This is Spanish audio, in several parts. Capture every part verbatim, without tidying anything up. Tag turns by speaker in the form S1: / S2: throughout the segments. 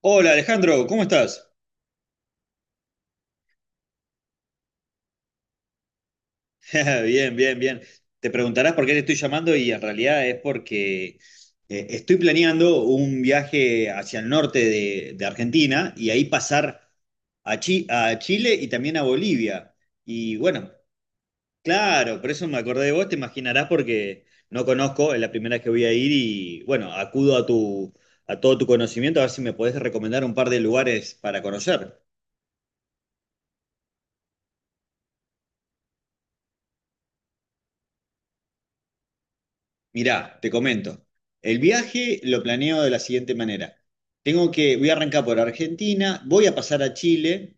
S1: Hola Alejandro, ¿cómo estás? Bien, bien, bien. Te preguntarás por qué te estoy llamando y en realidad es porque eh, estoy planeando un viaje hacia el norte de, de Argentina y ahí pasar a, Chi- a Chile y también a Bolivia. Y bueno, claro, por eso me acordé de vos, te imaginarás porque no conozco, es la primera vez que voy a ir y bueno, acudo a tu, a todo tu conocimiento a ver si me podés recomendar un par de lugares para conocer. Mirá, te comento. El viaje lo planeo de la siguiente manera. Tengo que, voy a arrancar por Argentina, voy a pasar a Chile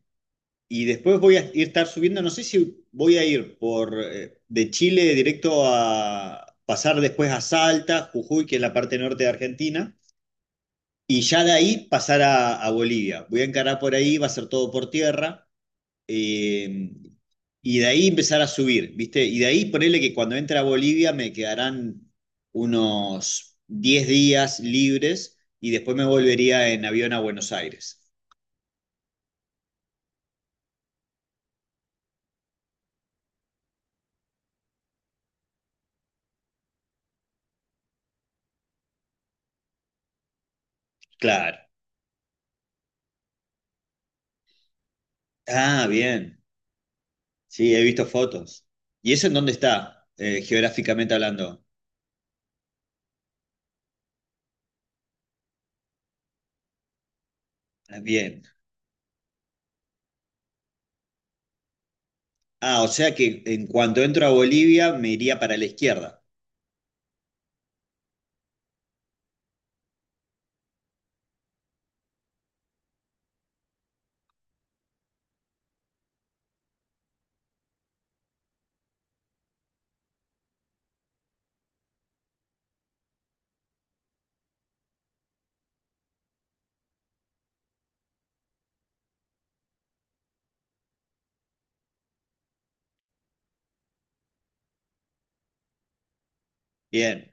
S1: y después voy a ir estar subiendo, no sé si voy a ir por eh, de Chile directo a pasar después a Salta, Jujuy, que es la parte norte de Argentina, y ya de ahí pasar a, a Bolivia. Voy a encarar por ahí, va a ser todo por tierra eh, y de ahí empezar a subir, ¿viste? Y de ahí ponerle que cuando entre a Bolivia me quedarán unos diez días libres y después me volvería en avión a Buenos Aires. Claro. Ah, bien. Sí, he visto fotos. ¿Y eso en dónde está, eh, geográficamente hablando? Ah, bien. Ah, o sea que en cuanto entro a Bolivia me iría para la izquierda. Bien.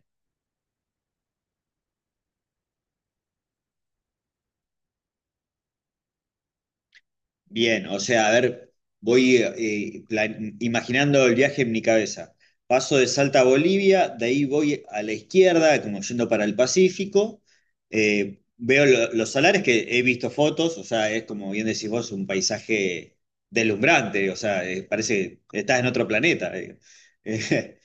S1: Bien, o sea, a ver, voy eh, plan- imaginando el viaje en mi cabeza. Paso de Salta a Bolivia, de ahí voy a la izquierda, como yendo para el Pacífico. Eh, veo lo- los salares que he visto fotos, o sea, es como bien decís vos, un paisaje deslumbrante, o sea, eh, parece que estás en otro planeta. eh.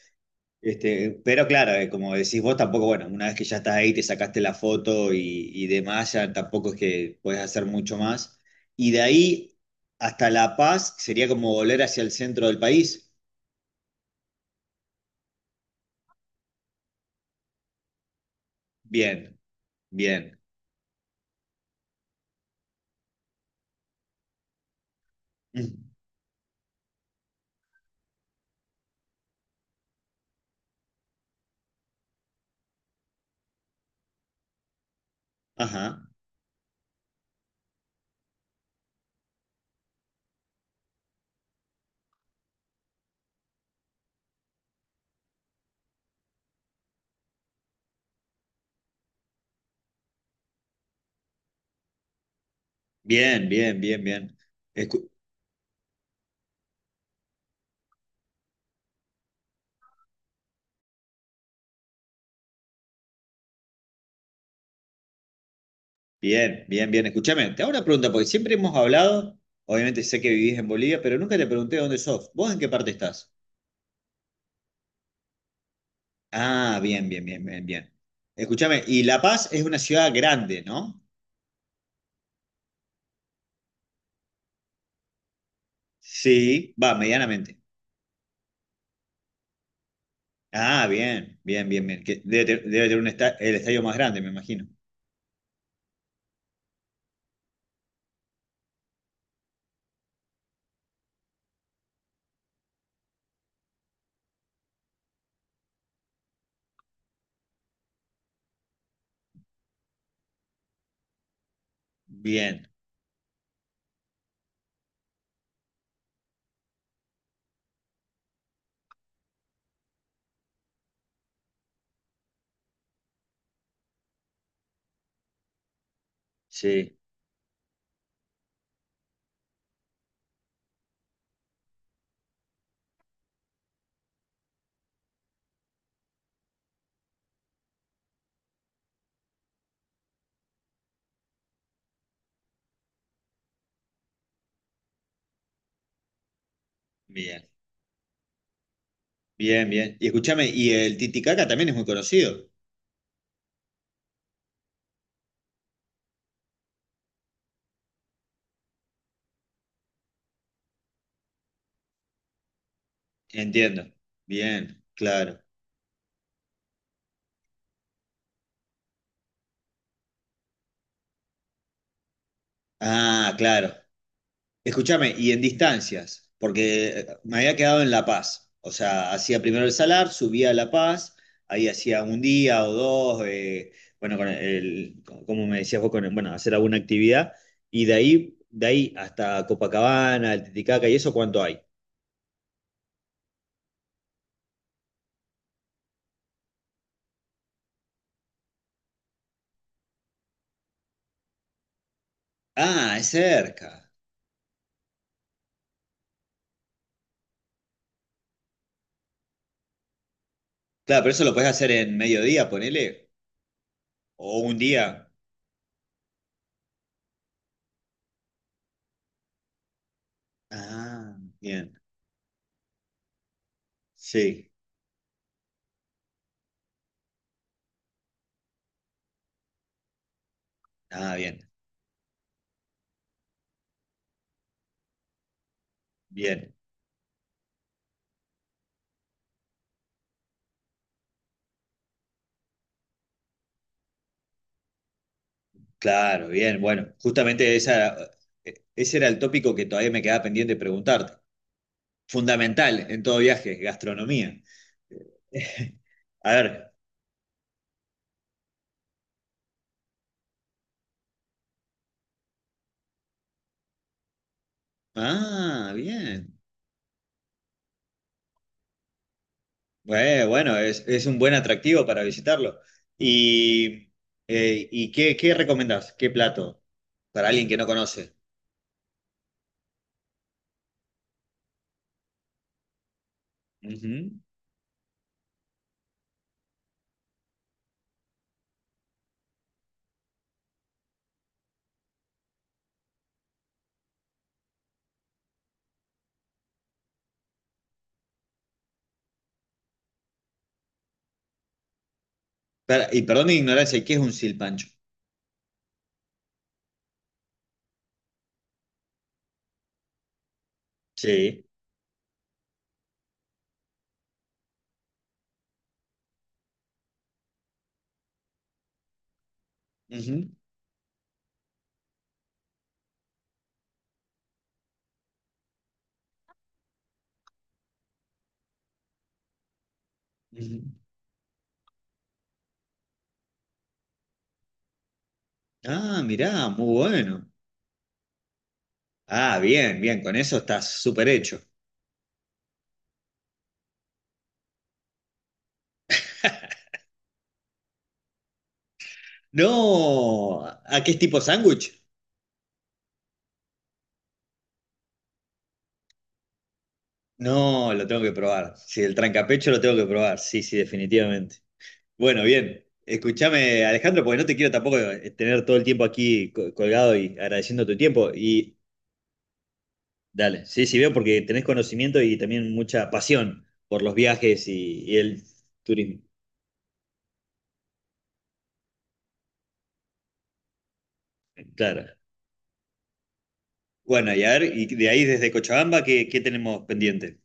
S1: Este, pero claro, eh, como decís vos, tampoco, bueno, una vez que ya estás ahí, te sacaste la foto y, y demás, ya tampoco es que puedes hacer mucho más. Y de ahí hasta La Paz sería como volver hacia el centro del país. Bien, bien. Mm. Ajá. Bien, bien, bien, bien. Escu- Bien, bien, bien. Escúchame, te hago una pregunta, porque siempre hemos hablado, obviamente sé que vivís en Bolivia, pero nunca te pregunté dónde sos. ¿Vos en qué parte estás? Ah, bien, bien, bien, bien, bien. Escúchame, y La Paz es una ciudad grande, ¿no? Sí, va, medianamente. Ah, bien, bien, bien, bien. Que debe, te- debe tener un esta- el estadio más grande, me imagino. Bien, sí, bien, bien, bien. Y escúchame, y el Titicaca también es muy conocido. Entiendo. Bien, claro. Ah, claro. Escúchame, y en distancias, porque eh, me había quedado en La Paz. O sea, hacía primero el Salar, subía a La Paz, ahí hacía un día o dos, eh, bueno, con el, con- como me decías vos, con el- bueno, hacer alguna actividad, y de ahí, de ahí hasta Copacabana, el Titicaca, ¿y eso cuánto hay? Ah, es cerca. Claro, pero eso lo puedes hacer en mediodía, ponele, o un día. Ah, bien, sí. Ah, bien, bien. Claro, bien, bueno, justamente esa, ese era el tópico que todavía me quedaba pendiente de preguntarte. Fundamental en todo viaje, gastronomía. A ver, ah, bien. Eh, bueno, es, es un buen atractivo para visitarlo. ¿Y, eh, ¿y qué, qué recomendás? ¿Qué plato para alguien que no conoce? Ujú. Para- y perdón mi ignorancia, ¿y ¿qué es un silpancho? Sí. Ujú, ujú. Ah, mirá, muy bueno. Ah, bien, bien, con eso estás súper hecho. No, ¿a qué es tipo sándwich? No, lo tengo que probar. Sí, el trancapecho lo tengo que probar. Sí, sí, definitivamente. Bueno, bien. Escúchame, Alejandro, porque no te quiero tampoco eh, tener todo el tiempo aquí co- colgado y agradeciendo tu tiempo. Y dale, sí, sí, veo porque tenés conocimiento y también mucha pasión por los viajes y, y el turismo. Claro. Bueno, y a ver, y de ahí desde Cochabamba, ¿qué, qué tenemos pendiente?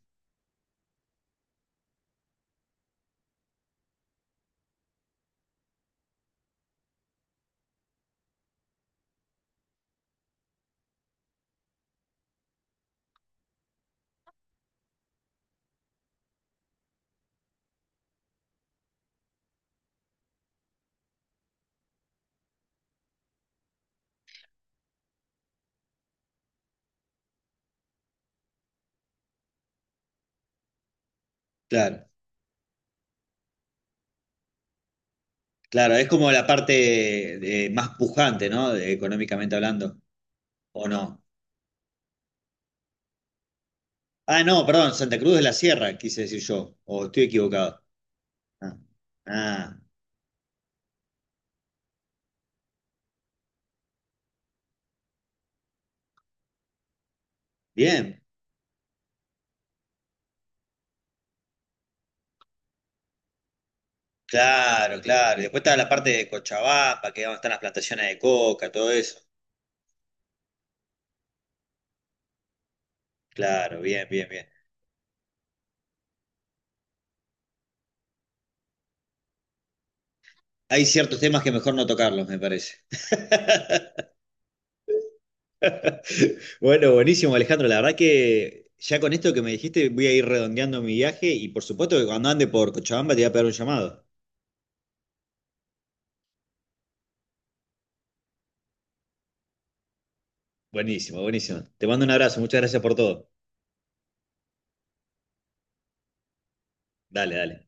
S1: Claro, claro, es como la parte eh, más pujante, ¿no? Económicamente hablando. ¿O no? Ah, no, perdón, Santa Cruz de la Sierra, quise decir yo. O estoy equivocado. Ah, ah, bien. Claro, claro. Y después está la parte de Cochabamba, que es donde están las plantaciones de coca, todo eso. Claro, bien, bien, bien. Hay ciertos temas que mejor no tocarlos, me parece. Bueno, buenísimo, Alejandro. La verdad que ya con esto que me dijiste voy a ir redondeando mi viaje y por supuesto que cuando ande por Cochabamba te voy a pegar un llamado. Buenísimo, buenísimo. Te mando un abrazo, muchas gracias por todo. Dale, dale.